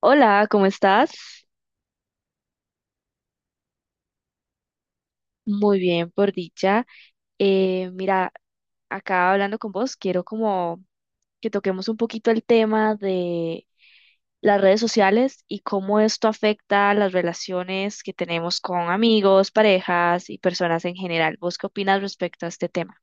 Hola, ¿cómo estás? Muy bien, por dicha. Mira, acá hablando con vos, quiero como que toquemos un poquito el tema de las redes sociales y cómo esto afecta las relaciones que tenemos con amigos, parejas y personas en general. ¿Vos qué opinas respecto a este tema?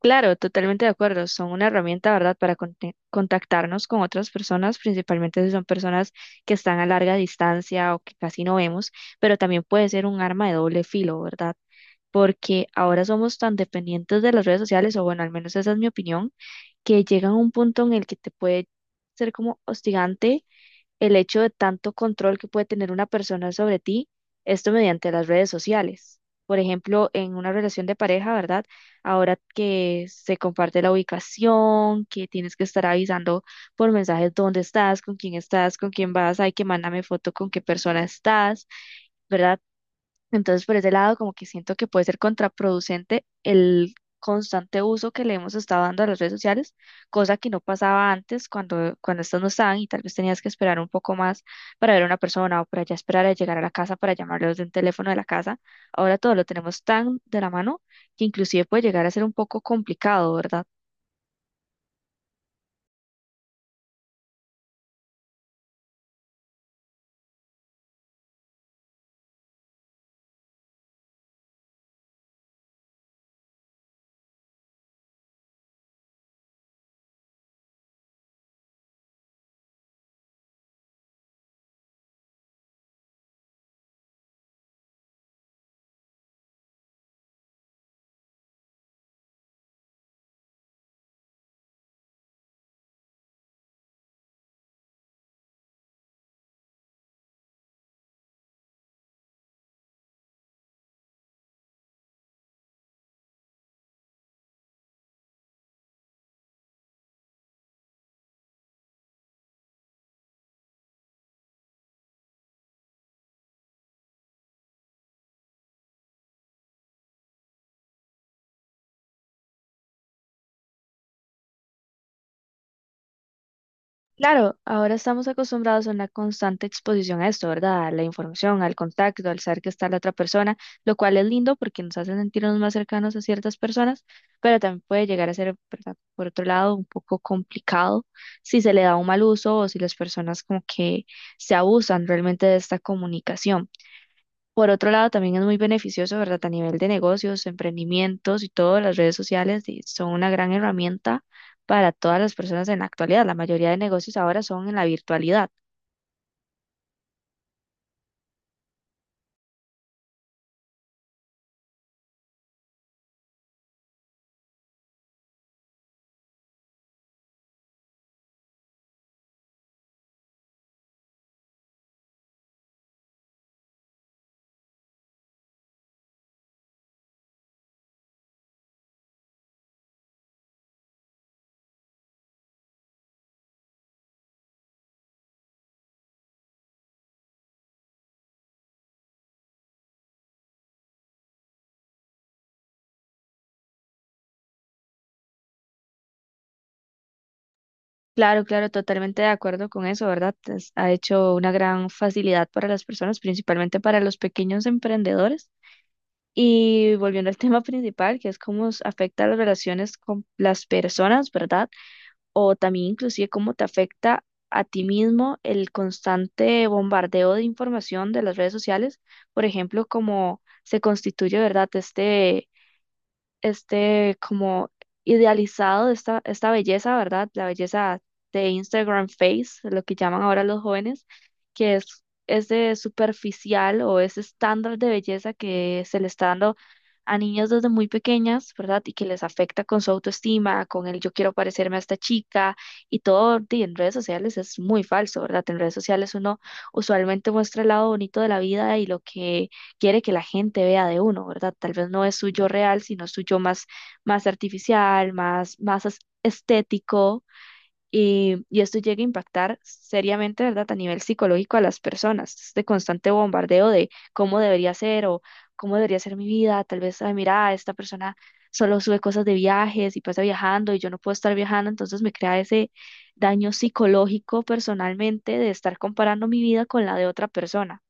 Claro, totalmente de acuerdo. Son una herramienta, ¿verdad?, para contactarnos con otras personas, principalmente si son personas que están a larga distancia o que casi no vemos, pero también puede ser un arma de doble filo, ¿verdad? Porque ahora somos tan dependientes de las redes sociales, o bueno, al menos esa es mi opinión, que llegan a un punto en el que te puede ser como hostigante el hecho de tanto control que puede tener una persona sobre ti, esto mediante las redes sociales. Por ejemplo, en una relación de pareja, ¿verdad? Ahora que se comparte la ubicación, que tienes que estar avisando por mensajes dónde estás, con quién vas, hay que mándame foto con qué persona estás. ¿Verdad? Entonces, por ese lado, como que siento que puede ser contraproducente el constante uso que le hemos estado dando a las redes sociales, cosa que no pasaba antes cuando estas no estaban y tal vez tenías que esperar un poco más para ver a una persona o para ya esperar a llegar a la casa para llamarlos de un teléfono de la casa. Ahora todo lo tenemos tan de la mano que inclusive puede llegar a ser un poco complicado, ¿verdad? Claro, ahora estamos acostumbrados a una constante exposición a esto, ¿verdad? A la información, al contacto, al saber que está la otra persona, lo cual es lindo porque nos hace sentirnos más cercanos a ciertas personas, pero también puede llegar a ser, ¿verdad? Por otro lado, un poco complicado si se le da un mal uso o si las personas como que se abusan realmente de esta comunicación. Por otro lado, también es muy beneficioso, ¿verdad? A nivel de negocios, emprendimientos y todo, las redes sociales y son una gran herramienta para todas las personas en la actualidad. La mayoría de negocios ahora son en la virtualidad. Claro, claro, totalmente de acuerdo con eso, ¿verdad? Ha hecho una gran facilidad para las personas, principalmente para los pequeños emprendedores. Y volviendo al tema principal, que es cómo afecta las relaciones con las personas, ¿verdad? O también inclusive cómo te afecta a ti mismo el constante bombardeo de información de las redes sociales, por ejemplo, cómo se constituye, ¿verdad? Este como idealizado esta belleza, ¿verdad? La belleza de Instagram Face, lo que llaman ahora los jóvenes, que es de superficial o ese estándar de belleza que se le está dando a niñas desde muy pequeñas, ¿verdad? Y que les afecta con su autoestima, con el yo quiero parecerme a esta chica y todo, y en redes sociales es muy falso, ¿verdad? En redes sociales uno usualmente muestra el lado bonito de la vida y lo que quiere que la gente vea de uno, ¿verdad? Tal vez no es su yo real, sino su yo más artificial, más estético. Y esto llega a impactar seriamente, ¿verdad?, a nivel psicológico a las personas. Este constante bombardeo de cómo debería ser o cómo debería ser mi vida. Tal vez, ay, mira, esta persona solo sube cosas de viajes y pasa viajando y yo no puedo estar viajando. Entonces me crea ese daño psicológico personalmente de estar comparando mi vida con la de otra persona.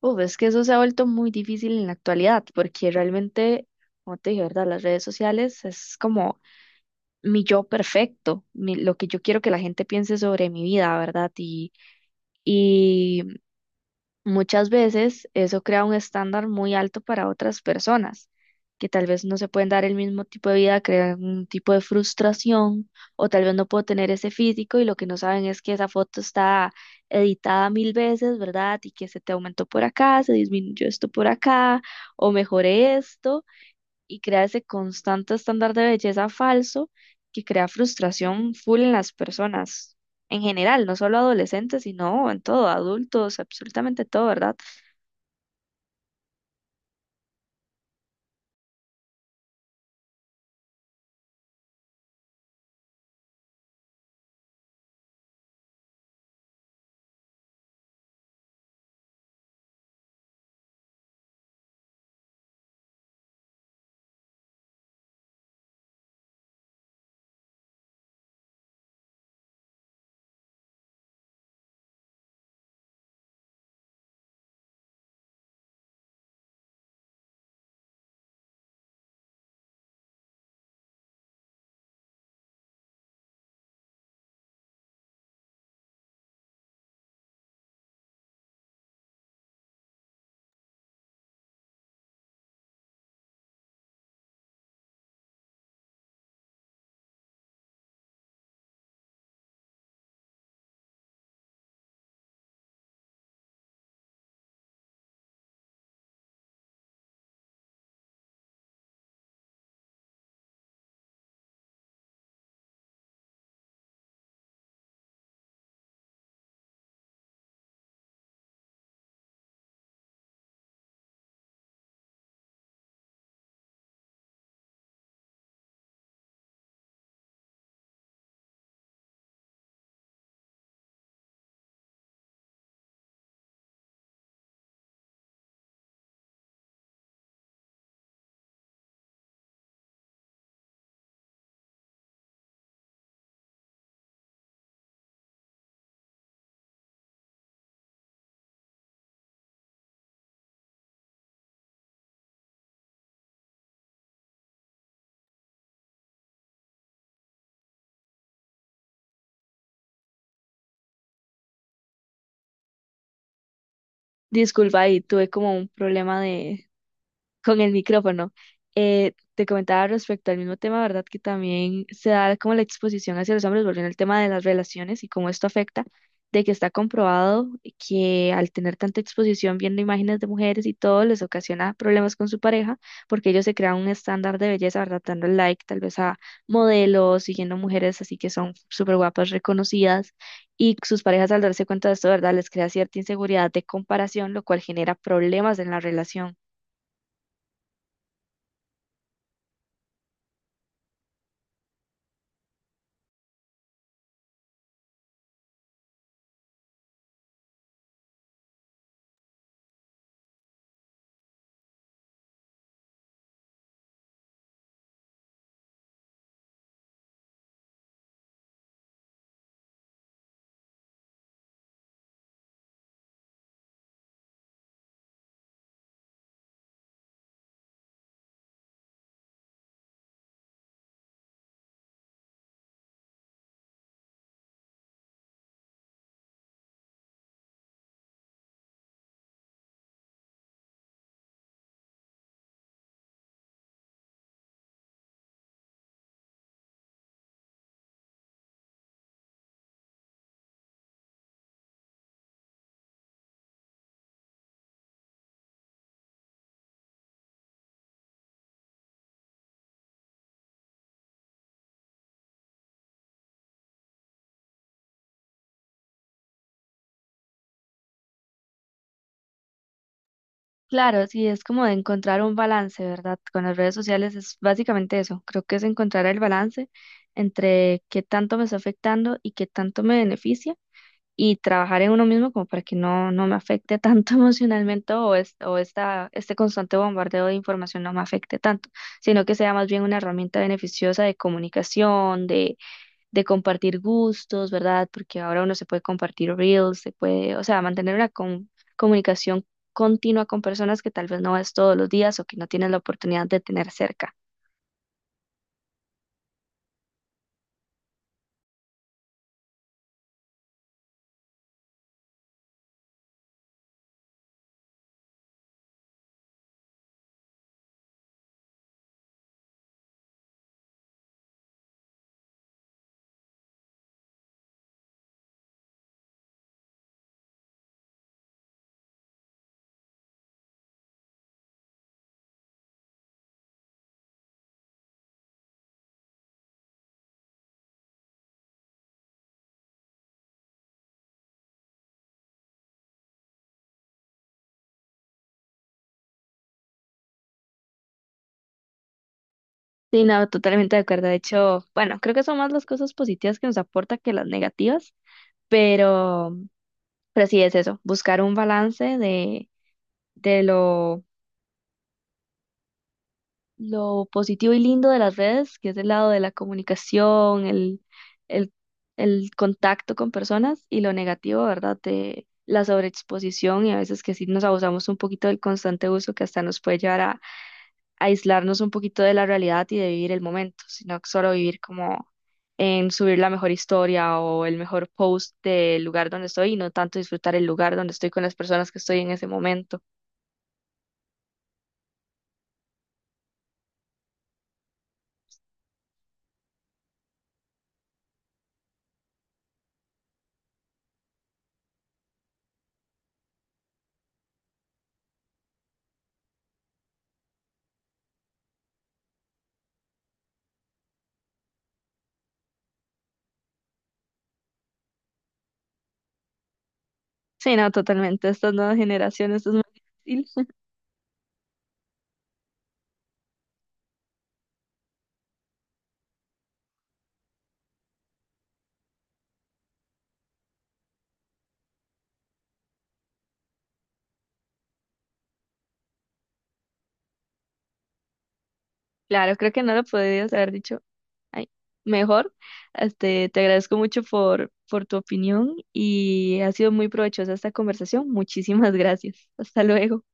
Uf, es que eso se ha vuelto muy difícil en la actualidad, porque realmente, como te dije, ¿verdad? Las redes sociales es como mi yo perfecto, lo que yo quiero que la gente piense sobre mi vida, ¿verdad? Y, Muchas veces eso crea un estándar muy alto para otras personas, que tal vez no se pueden dar el mismo tipo de vida, crean un tipo de frustración, o tal vez no puedo tener ese físico y lo que no saben es que esa foto está editada mil veces, ¿verdad? Y que se te aumentó por acá, se disminuyó esto por acá, o mejoré esto, y crea ese constante estándar de belleza falso que crea frustración full en las personas. En general, no solo adolescentes, sino en todo, adultos, absolutamente todo, ¿verdad? Disculpa, ahí tuve como un problema de con el micrófono. Te comentaba respecto al mismo tema, ¿verdad? Que también se da como la exposición hacia los hombres, volviendo al tema de las relaciones y cómo esto afecta, de que está comprobado que al tener tanta exposición viendo imágenes de mujeres y todo, les ocasiona problemas con su pareja, porque ellos se crean un estándar de belleza, ¿verdad? Dando like tal vez a modelos, siguiendo mujeres así que son súper guapas, reconocidas, y sus parejas al darse cuenta de esto, ¿verdad? Les crea cierta inseguridad de comparación, lo cual genera problemas en la relación. Claro, sí, es como de encontrar un balance, ¿verdad? Con las redes sociales es básicamente eso. Creo que es encontrar el balance entre qué tanto me está afectando y qué tanto me beneficia y trabajar en uno mismo como para que no me afecte tanto emocionalmente o, o este constante bombardeo de información no me afecte tanto, sino que sea más bien una herramienta beneficiosa de comunicación, de compartir gustos, ¿verdad? Porque ahora uno se puede compartir reels, se puede, o sea, mantener una comunicación continua con personas que tal vez no ves todos los días o que no tienes la oportunidad de tener cerca. Sí, no, totalmente de acuerdo. De hecho, bueno, creo que son más las cosas positivas que nos aporta que las negativas, pero, pero sí es eso, buscar un balance de lo positivo y lindo de las redes, que es el lado de la comunicación, el, el contacto con personas, y lo negativo, ¿verdad? De la sobreexposición y a veces que sí nos abusamos un poquito del constante uso que hasta nos puede llevar a, aislarnos un poquito de la realidad y de vivir el momento, sino solo vivir como en subir la mejor historia o el mejor post del lugar donde estoy y no tanto disfrutar el lugar donde estoy con las personas que estoy en ese momento. Sí, no, totalmente. Estas nuevas generaciones, estos. Claro, creo que no lo podrías haber dicho ay, mejor. Este, te agradezco mucho por tu opinión y ha sido muy provechosa esta conversación. Muchísimas gracias. Hasta luego.